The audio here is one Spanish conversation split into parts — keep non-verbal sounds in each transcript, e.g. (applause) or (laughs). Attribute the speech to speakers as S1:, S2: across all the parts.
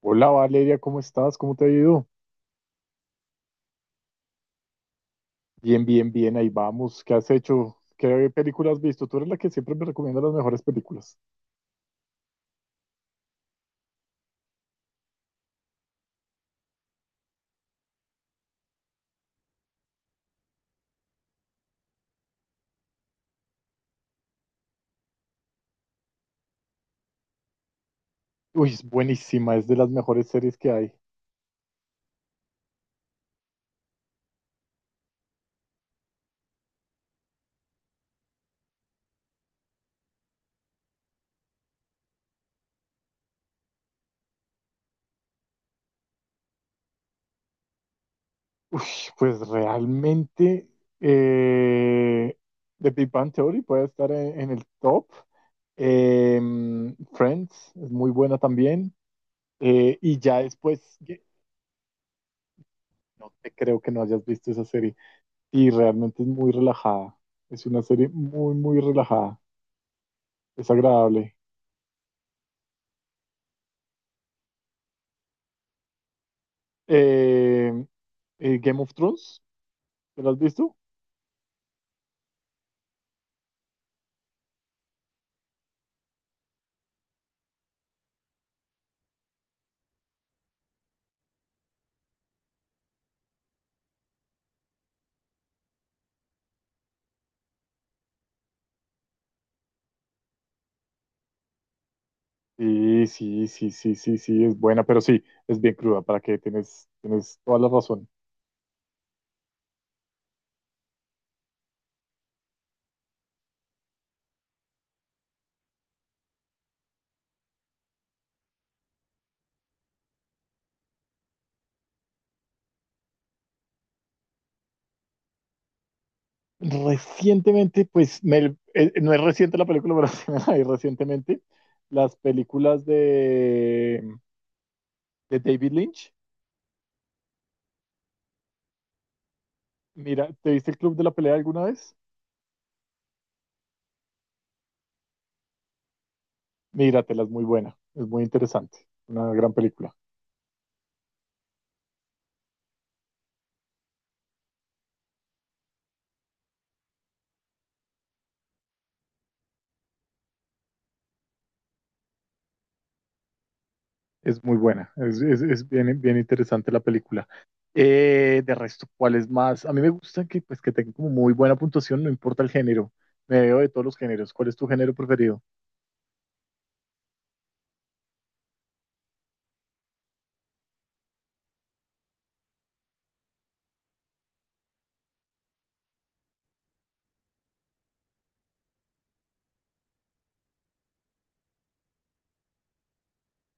S1: Hola Valeria, ¿cómo estás? ¿Cómo te ha ido? Bien, bien, bien, ahí vamos. ¿Qué has hecho? ¿Qué películas has visto? Tú eres la que siempre me recomienda las mejores películas. Uy, es buenísima, es de las mejores series que hay. Uy, pues realmente eh, The Big Bang Theory puede estar en el top. Friends es muy buena también. Y ya después, no te creo que no hayas visto esa serie. Y realmente es muy relajada. Es una serie muy, muy relajada. Es agradable. Eh, Game of Thrones, ¿te la has visto? Sí, sí, sí, sí, sí, sí, es buena, pero sí, es bien cruda, para que tienes, tienes toda la razón. Recientemente, pues, no es reciente la película, pero (laughs) sí me la vi recientemente, las películas de David Lynch. Mira, ¿te viste el Club de la Pelea alguna vez? Míratela, es muy buena, es muy interesante, una gran película. Es muy buena, es, es bien, bien interesante la película. De resto, ¿cuál es más? A mí me gusta que, pues, que tenga como muy buena puntuación, no importa el género. Me veo de todos los géneros. ¿Cuál es tu género preferido?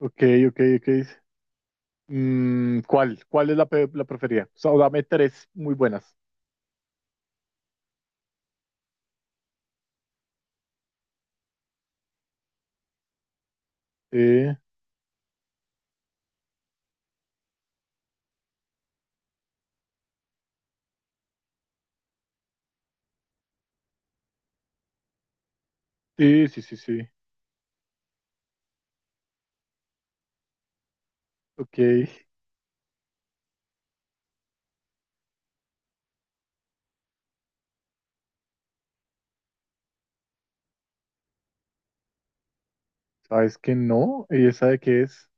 S1: Ok, ok, ok. Mm, ¿cuál? ¿Cuál es la preferida? O sea, dame tres muy buenas. Eh, sí, sí, sí, sí. Ok. ¿Sabes que no? ¿Y esa de qué es?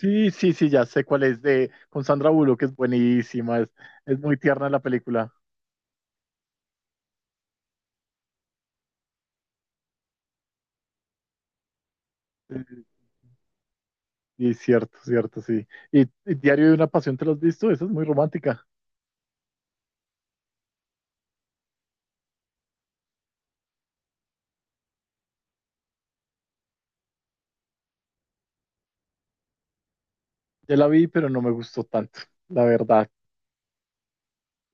S1: Sí, sí, sí, ya sé cuál es de con Sandra Bullock, que es buenísima, es muy tierna la película. Y cierto, cierto, sí. Y Diario de una Pasión, ¿te lo has visto? Esa es muy romántica. Ya la vi, pero no me gustó tanto, la verdad.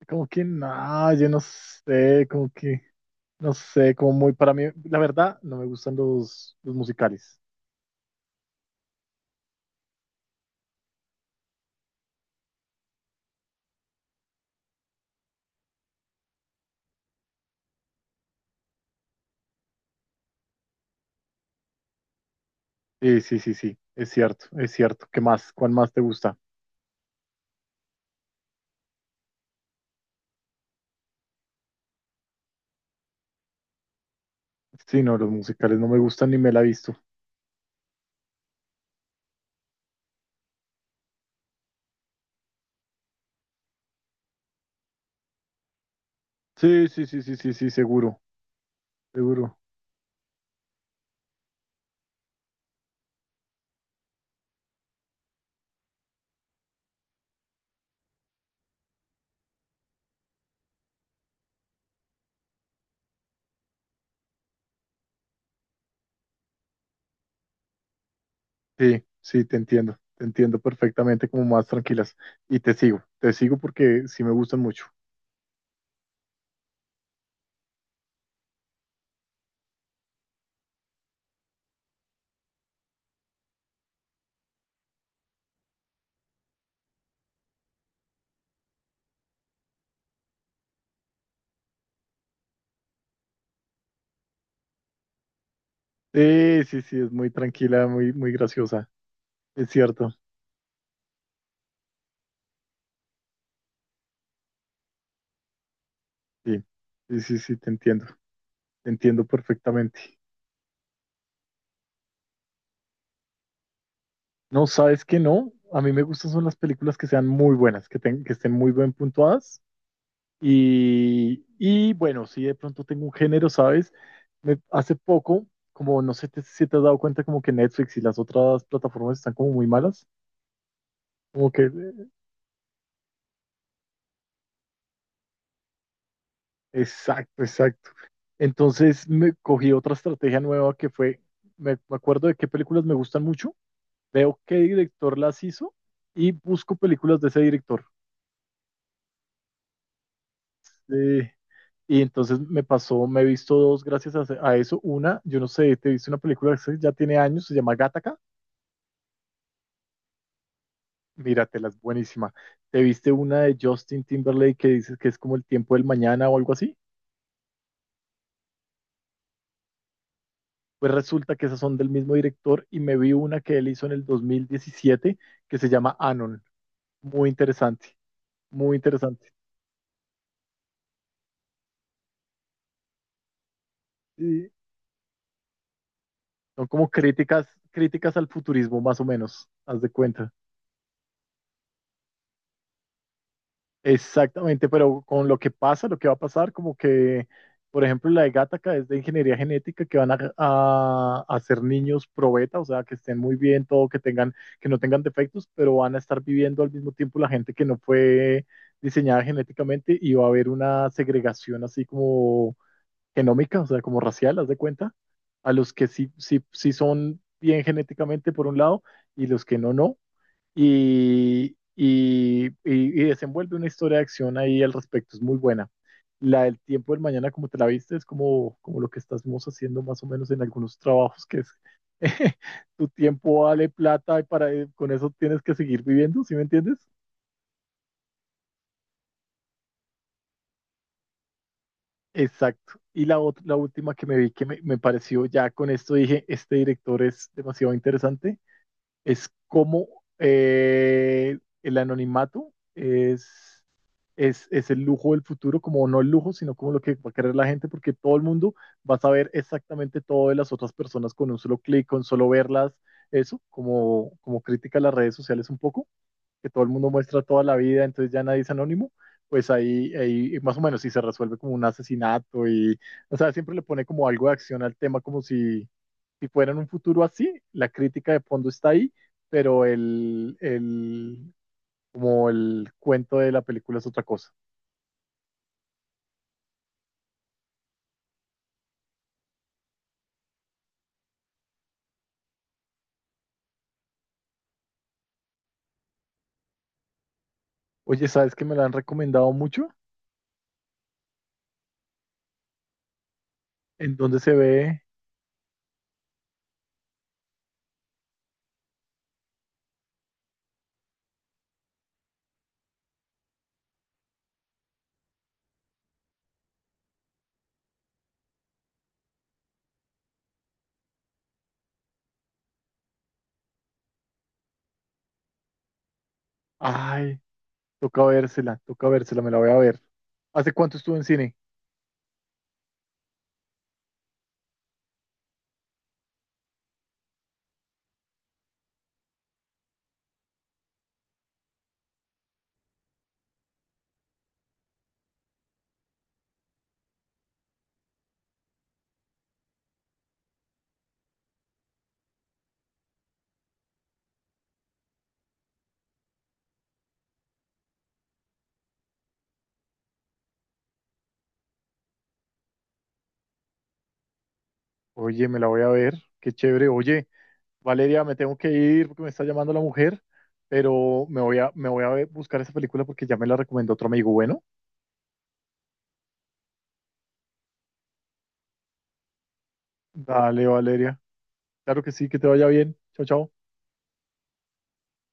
S1: Como que nada, yo no sé, como que, no sé, como muy para mí, la verdad, no me gustan los musicales. Sí, sí, sí, sí, es cierto, es cierto. ¿Qué más? ¿Cuál más te gusta? Sí, no, los musicales no me gustan ni me la he visto. Sí, sí, sí, sí, sí, sí, seguro, seguro. Sí, sí, te entiendo perfectamente como más tranquilas. Y te sigo porque sí me gustan mucho. Sí, sí, sí, es muy tranquila, muy, muy graciosa. Es cierto. Sí, sí, sí, sí, te entiendo. Te entiendo perfectamente. No, sabes que no. A mí me gustan son las películas que sean muy buenas, que, que estén muy bien puntuadas. Y bueno, sí, de pronto tengo un género, ¿sabes? Hace poco, como no sé si te has dado cuenta, como que Netflix y las otras plataformas están como muy malas. Como que exacto, exacto. Entonces me cogí otra estrategia nueva que fue, me acuerdo de qué películas me gustan mucho, veo qué director las hizo y busco películas de ese director. Eh, y entonces me pasó, me he visto dos gracias a eso. Una, yo no sé, te viste una película que ya tiene años, se llama Gattaca. Míratela, es buenísima. ¿Te viste una de Justin Timberlake que dices que es como el tiempo del mañana o algo así? Pues resulta que esas son del mismo director y me vi una que él hizo en el 2017 que se llama Anon. Muy interesante, muy interesante. Y son como críticas, críticas al futurismo, más o menos, haz de cuenta. Exactamente, pero con lo que pasa, lo que va a pasar, como que, por ejemplo, la de Gattaca es de ingeniería genética, que van a hacer niños pro beta, o sea, que estén muy bien, todo, que tengan, que no tengan defectos, pero van a estar viviendo al mismo tiempo la gente que no fue diseñada genéticamente y va a haber una segregación así como genómica, o sea, como racial, haz de cuenta, a los que sí, sí, sí son bien genéticamente por un lado y los que no, no. Y desenvuelve una historia de acción ahí al respecto, es muy buena. La del tiempo del mañana, como te la viste, es como, como lo que estamos haciendo más o menos en algunos trabajos, que es (laughs) tu tiempo vale plata y para, con eso tienes que seguir viviendo, ¿sí me entiendes? Exacto. Y la, la última que me vi que me pareció, ya con esto dije, este director es demasiado interesante, es cómo eh, el anonimato es el lujo del futuro, como no el lujo, sino como lo que va a querer la gente, porque todo el mundo va a saber exactamente todo de las otras personas con un solo clic, con solo verlas, eso, como, como crítica a las redes sociales un poco que todo el mundo muestra toda la vida, entonces ya nadie es anónimo, pues ahí, ahí más o menos si se resuelve como un asesinato y, o sea, siempre le pone como algo de acción al tema, como si, si fuera en un futuro así, la crítica de fondo está ahí, pero el, como el cuento de la película es otra cosa. Oye, ¿sabes que me la han recomendado mucho? ¿En dónde se ve? Ay, toca vérsela, me la voy a ver. ¿Hace cuánto estuvo en cine? Oye, me la voy a ver, qué chévere. Oye, Valeria, me tengo que ir porque me está llamando la mujer, pero me voy a buscar esa película porque ya me la recomendó otro amigo. Bueno, dale, Valeria. Claro que sí, que te vaya bien. Chao, chao.